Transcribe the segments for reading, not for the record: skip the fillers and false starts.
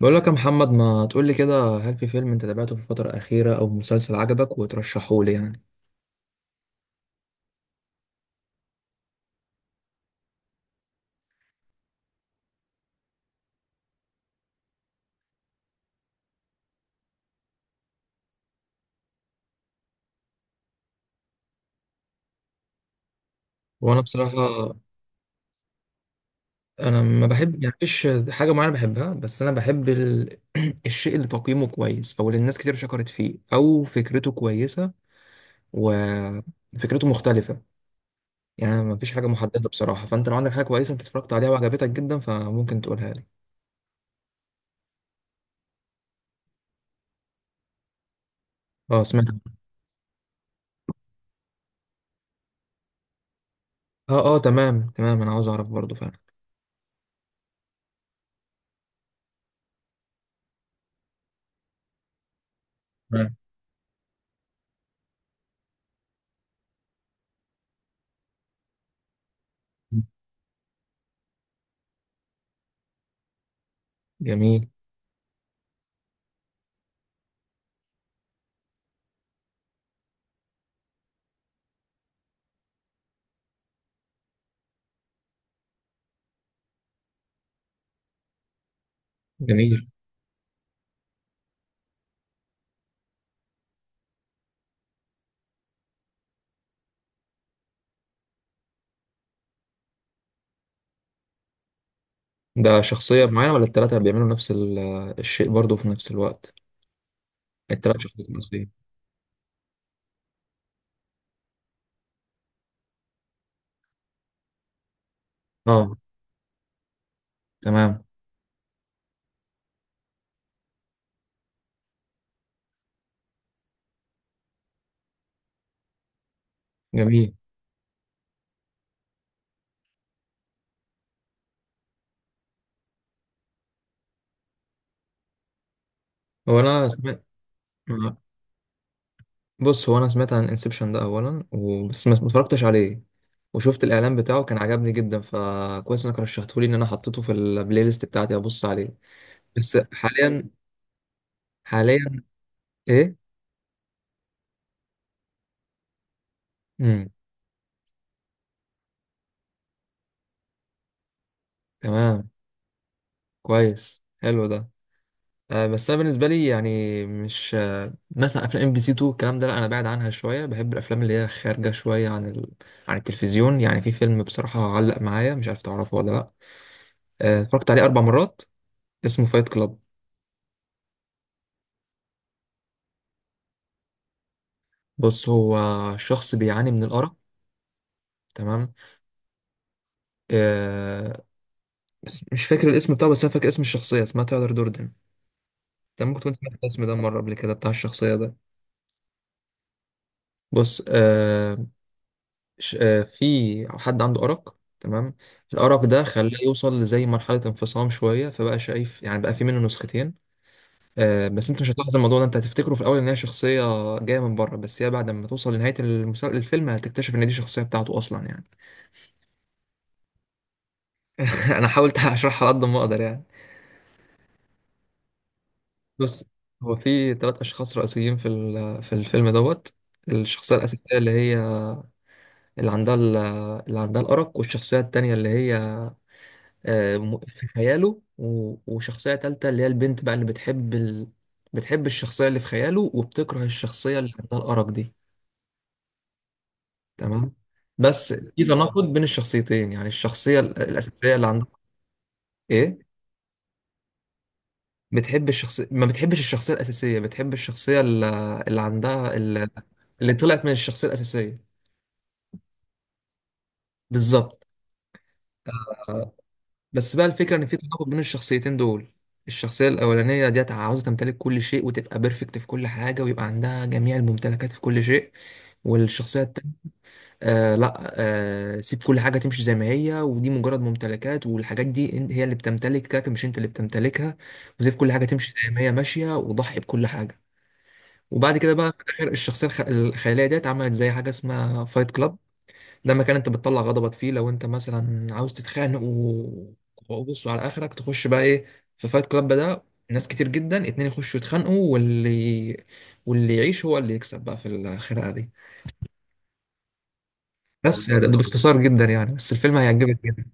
بقول لك يا محمد ما تقول لي كده، هل في فيلم انت تابعته في الفترة الأخيرة أو مسلسل عجبك وترشحه لي يعني؟ وأنا بصراحة، أنا ما بحب، يعني مفيش حاجة معينة بحبها، بس أنا بحب الشيء اللي تقييمه كويس، أو اللي الناس كتير شكرت فيه، أو فكرته كويسة وفكرته مختلفة. يعني أنا ما فيش حاجة محددة بصراحة، فأنت لو عندك حاجة كويسة أنت اتفرجت عليها وعجبتك جدا فممكن تقولها لي. أه سمعت. أه تمام تمام، أنا عاوز أعرف برضه فعلا. تمام. جميل. جميل. ده شخصية معينة ولا التلاتة بيعملوا نفس الشيء برضه في نفس الوقت؟ التلات شخصيات المصرية. اه تمام. جميل. هو أنا سمعت. بص هو أنا سمعت عن انسبشن ده أولا بس ما اتفرجتش عليه. وشفت الإعلان بتاعه كان عجبني جدا، فكويس إنك رشحته لي، إن أنا حطيته في البلاي ليست بتاعتي أبص عليه. بس حاليا. حاليا. إيه؟ مم. تمام. كويس حلو ده. بس انا بالنسبه لي يعني مش، مثلا افلام ام بي سي 2 الكلام ده، لا انا بعد عنها شويه. بحب الافلام اللي هي خارجه شويه عن عن التلفزيون. يعني في فيلم بصراحه علق معايا، مش عارف تعرفه ولا لا. اتفرجت عليه 4 مرات، اسمه فايت كلاب. بص، هو شخص بيعاني من الارق. تمام. آه، بس مش فاكر الاسم بتاعه، بس انا فاكر اسم الشخصيه، اسمها تايلر دوردن. انت ممكن تكون سمعت الاسم ده مره قبل كده، بتاع الشخصيه ده. بص آه، في حد عنده أرق، تمام. الأرق ده خلاه يوصل لزي مرحلة انفصام شوية، فبقى شايف يعني بقى في منه نسختين. بس انت مش هتلاحظ الموضوع ده، انت هتفتكره في الأول ان هي شخصية جاية من بره، بس هي بعد ما توصل لنهاية الفيلم هتكتشف ان دي شخصية بتاعته أصلا يعني. أنا حاولت أشرحها على قد ما أقدر يعني. بص، هو في 3 أشخاص رئيسيين في في الفيلم دوت. الشخصية الأساسية اللي هي، اللي عندها ال- اللي عندها الأرق، والشخصية التانية اللي هي في خياله، وشخصية تالتة اللي هي البنت بقى اللي بتحب بتحب الشخصية اللي في خياله، وبتكره الشخصية اللي عندها الأرق دي. تمام. بس في تناقض بين الشخصيتين، يعني الشخصية الأساسية اللي عندها. إيه، بتحب الشخصية، ما بتحبش الشخصية الأساسية، بتحب الشخصية اللي عندها ال- اللي طلعت من الشخصية الأساسية. بالظبط. آه، بس بقى الفكرة إن في تناقض بين الشخصيتين دول. الشخصية الأولانية ديت عاوزة تمتلك كل شيء، وتبقى بيرفكت في كل حاجة، ويبقى عندها جميع الممتلكات في كل شيء. والشخصية التانية، آه لا، آه، سيب كل حاجة تمشي زي ما هي، ودي مجرد ممتلكات، والحاجات دي هي اللي بتمتلكك مش أنت اللي بتمتلكها. وسيب كل حاجة تمشي زي ما هي ماشية، وضحي بكل حاجة. وبعد كده بقى في الآخر، الشخصية الخيالية ديت عملت زي حاجة اسمها فايت كلاب. ده مكان انت بتطلع غضبك فيه لو انت مثلا عاوز تتخانق، وبص على اخرك تخش بقى ايه في فايت كلاب ده. ناس كتير جدا، اتنين يخشوا يتخانقوا، واللي يعيش هو اللي يكسب بقى في الخناقه دي. بس ده والله ده باختصار جدا يعني، بس الفيلم هيعجبك جدا.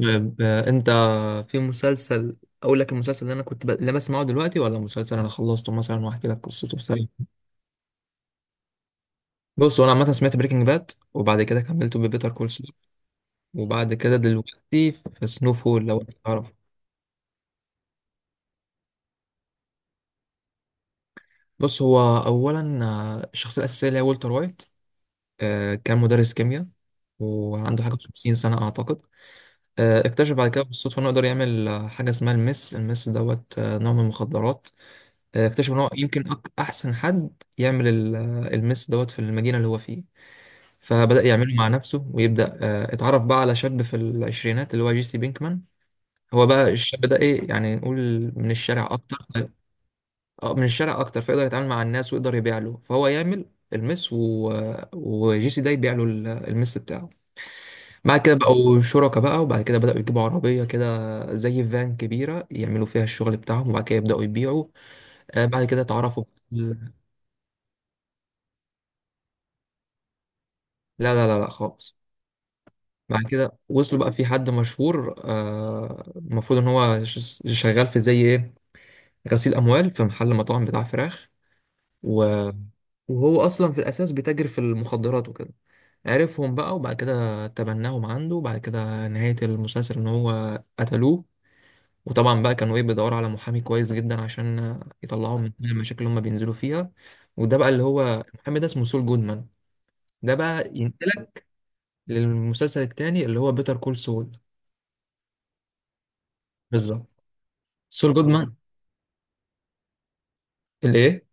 طيب، انت، في مسلسل، اقول لك المسلسل اللي انا كنت اللي بسمعه دلوقتي، ولا مسلسل انا خلصته مثلا واحكي لك قصته سريع؟ بص، هو انا عامه سمعت بريكنج باد، وبعد كده كملته ببيتر كول سول، وبعد كده دلوقتي في سنو فول، لو انت تعرف. بص، هو اولا الشخصيه الاساسيه اللي هي والتر وايت، كان مدرس كيمياء، وعنده حاجه 50 سنه اعتقد. اكتشف بعد كده بالصدفه انه يقدر يعمل، حاجه اسمها المس دوت، نوع من المخدرات. اكتشف ان هو يمكن احسن حد يعمل المس دوت في المدينه اللي هو فيه. فبدا يعمله مع نفسه ويبدا، اتعرف بقى على شاب في العشرينات اللي هو جيسي بينكمان. هو بقى الشاب ده ايه يعني، نقول من الشارع. اه، من الشارع اكتر، فيقدر يتعامل مع الناس ويقدر يبيع له. فهو يعمل المس وجي سي ده يبيع له المس بتاعه. بعد كده بقوا شركاء بقى، وبعد كده بدأوا يجيبوا عربية كده زي فان كبيرة يعملوا فيها الشغل بتاعهم، وبعد كده يبدأوا يبيعوا. آه، بعد كده اتعرفوا بال- لا خالص. بعد كده وصلوا بقى في حد مشهور، المفروض ان هو شغال في زي ايه، غسيل اموال في محل مطاعم بتاع فراخ، و... وهو اصلا في الاساس بيتاجر في المخدرات وكده. عرفهم بقى، وبعد كده تبناهم عنده، وبعد كده نهاية المسلسل إن هو قتلوه. وطبعا بقى كانوا إيه، بيدوروا على محامي كويس جدا عشان يطلعهم من كل المشاكل اللي هم بينزلوا فيها. وده بقى اللي هو المحامي ده، اسمه سول جودمان. ده بقى ينقلك للمسلسل التاني اللي هو بيتر كول سول. بالظبط. سول جودمان اللي إيه.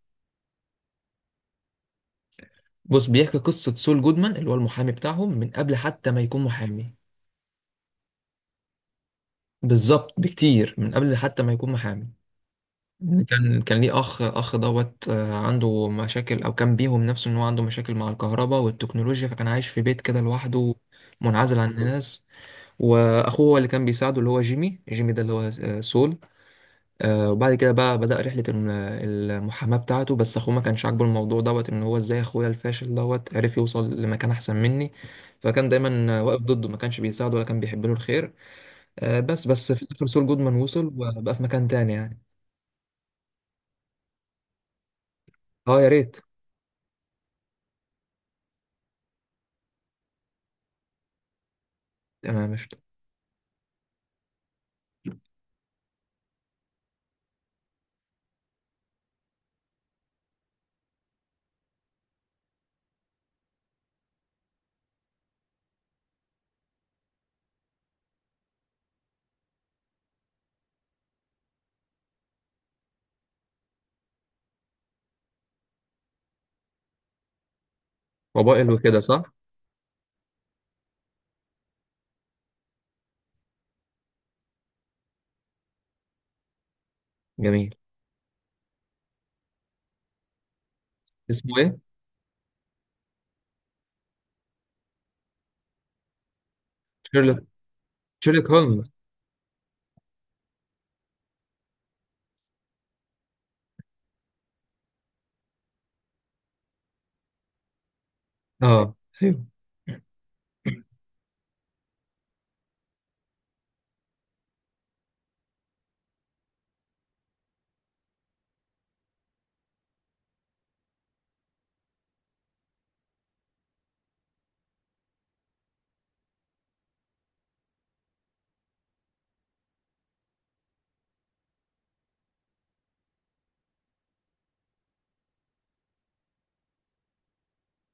بص، بيحكي قصة سول جودمان اللي هو المحامي بتاعهم، من قبل حتى ما يكون محامي. بالظبط، بكتير من قبل حتى ما يكون محامي. مم. كان ليه اخ، اخ دوت، عنده مشاكل، او كان بيهم نفسه ان هو عنده مشاكل مع الكهرباء والتكنولوجيا، فكان عايش في بيت كده لوحده منعزل عن الناس. واخوه هو اللي كان بيساعده، اللي هو جيمي ده اللي هو سول. وبعد كده بقى بدأ رحلة المحاماة بتاعته، بس اخوه ما كانش عاجبه الموضوع دوت، ان هو ازاي اخويا الفاشل دوت عرف يوصل لمكان احسن مني. فكان دايما واقف ضده، ما كانش بيساعده ولا كان بيحب له الخير. بس في الاخر سول جودمان وصل وبقى في مكان تاني يعني. اه يا ريت. تمام، مش موبايل وكده صح؟ جميل. اسمه ايه؟ شيرلوك. شيرلوك هولمز. اه. ايوه.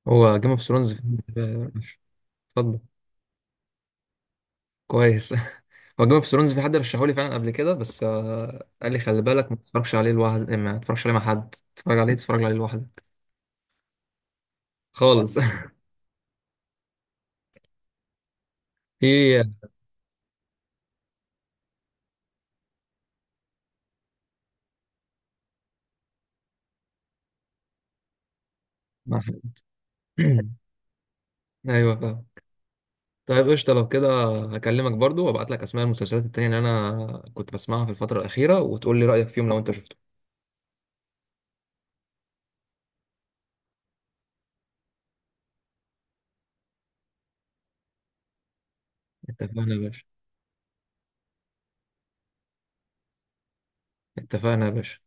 هو جيم اوف ثرونز. اتفضل. كويس. هو جيم اوف ثرونز في حد رشحولي فعلا قبل كده، بس آه قال لي خلي بالك ما تتفرجش عليه لوحدك، ما تتفرجش عليه مع حد، تتفرج عليه، تتفرج عليه لوحدك. خالص. في مع حد. ايوه فاهم. طيب قشطة لو كده، هكلمك برضو وابعت لك اسماء المسلسلات التانية اللي انا كنت بسمعها في الفترة الأخيرة، وتقول لي رأيك فيهم لو انت شفته. اتفقنا يا باشا. اتفقنا يا باشا.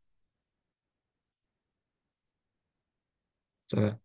سلام.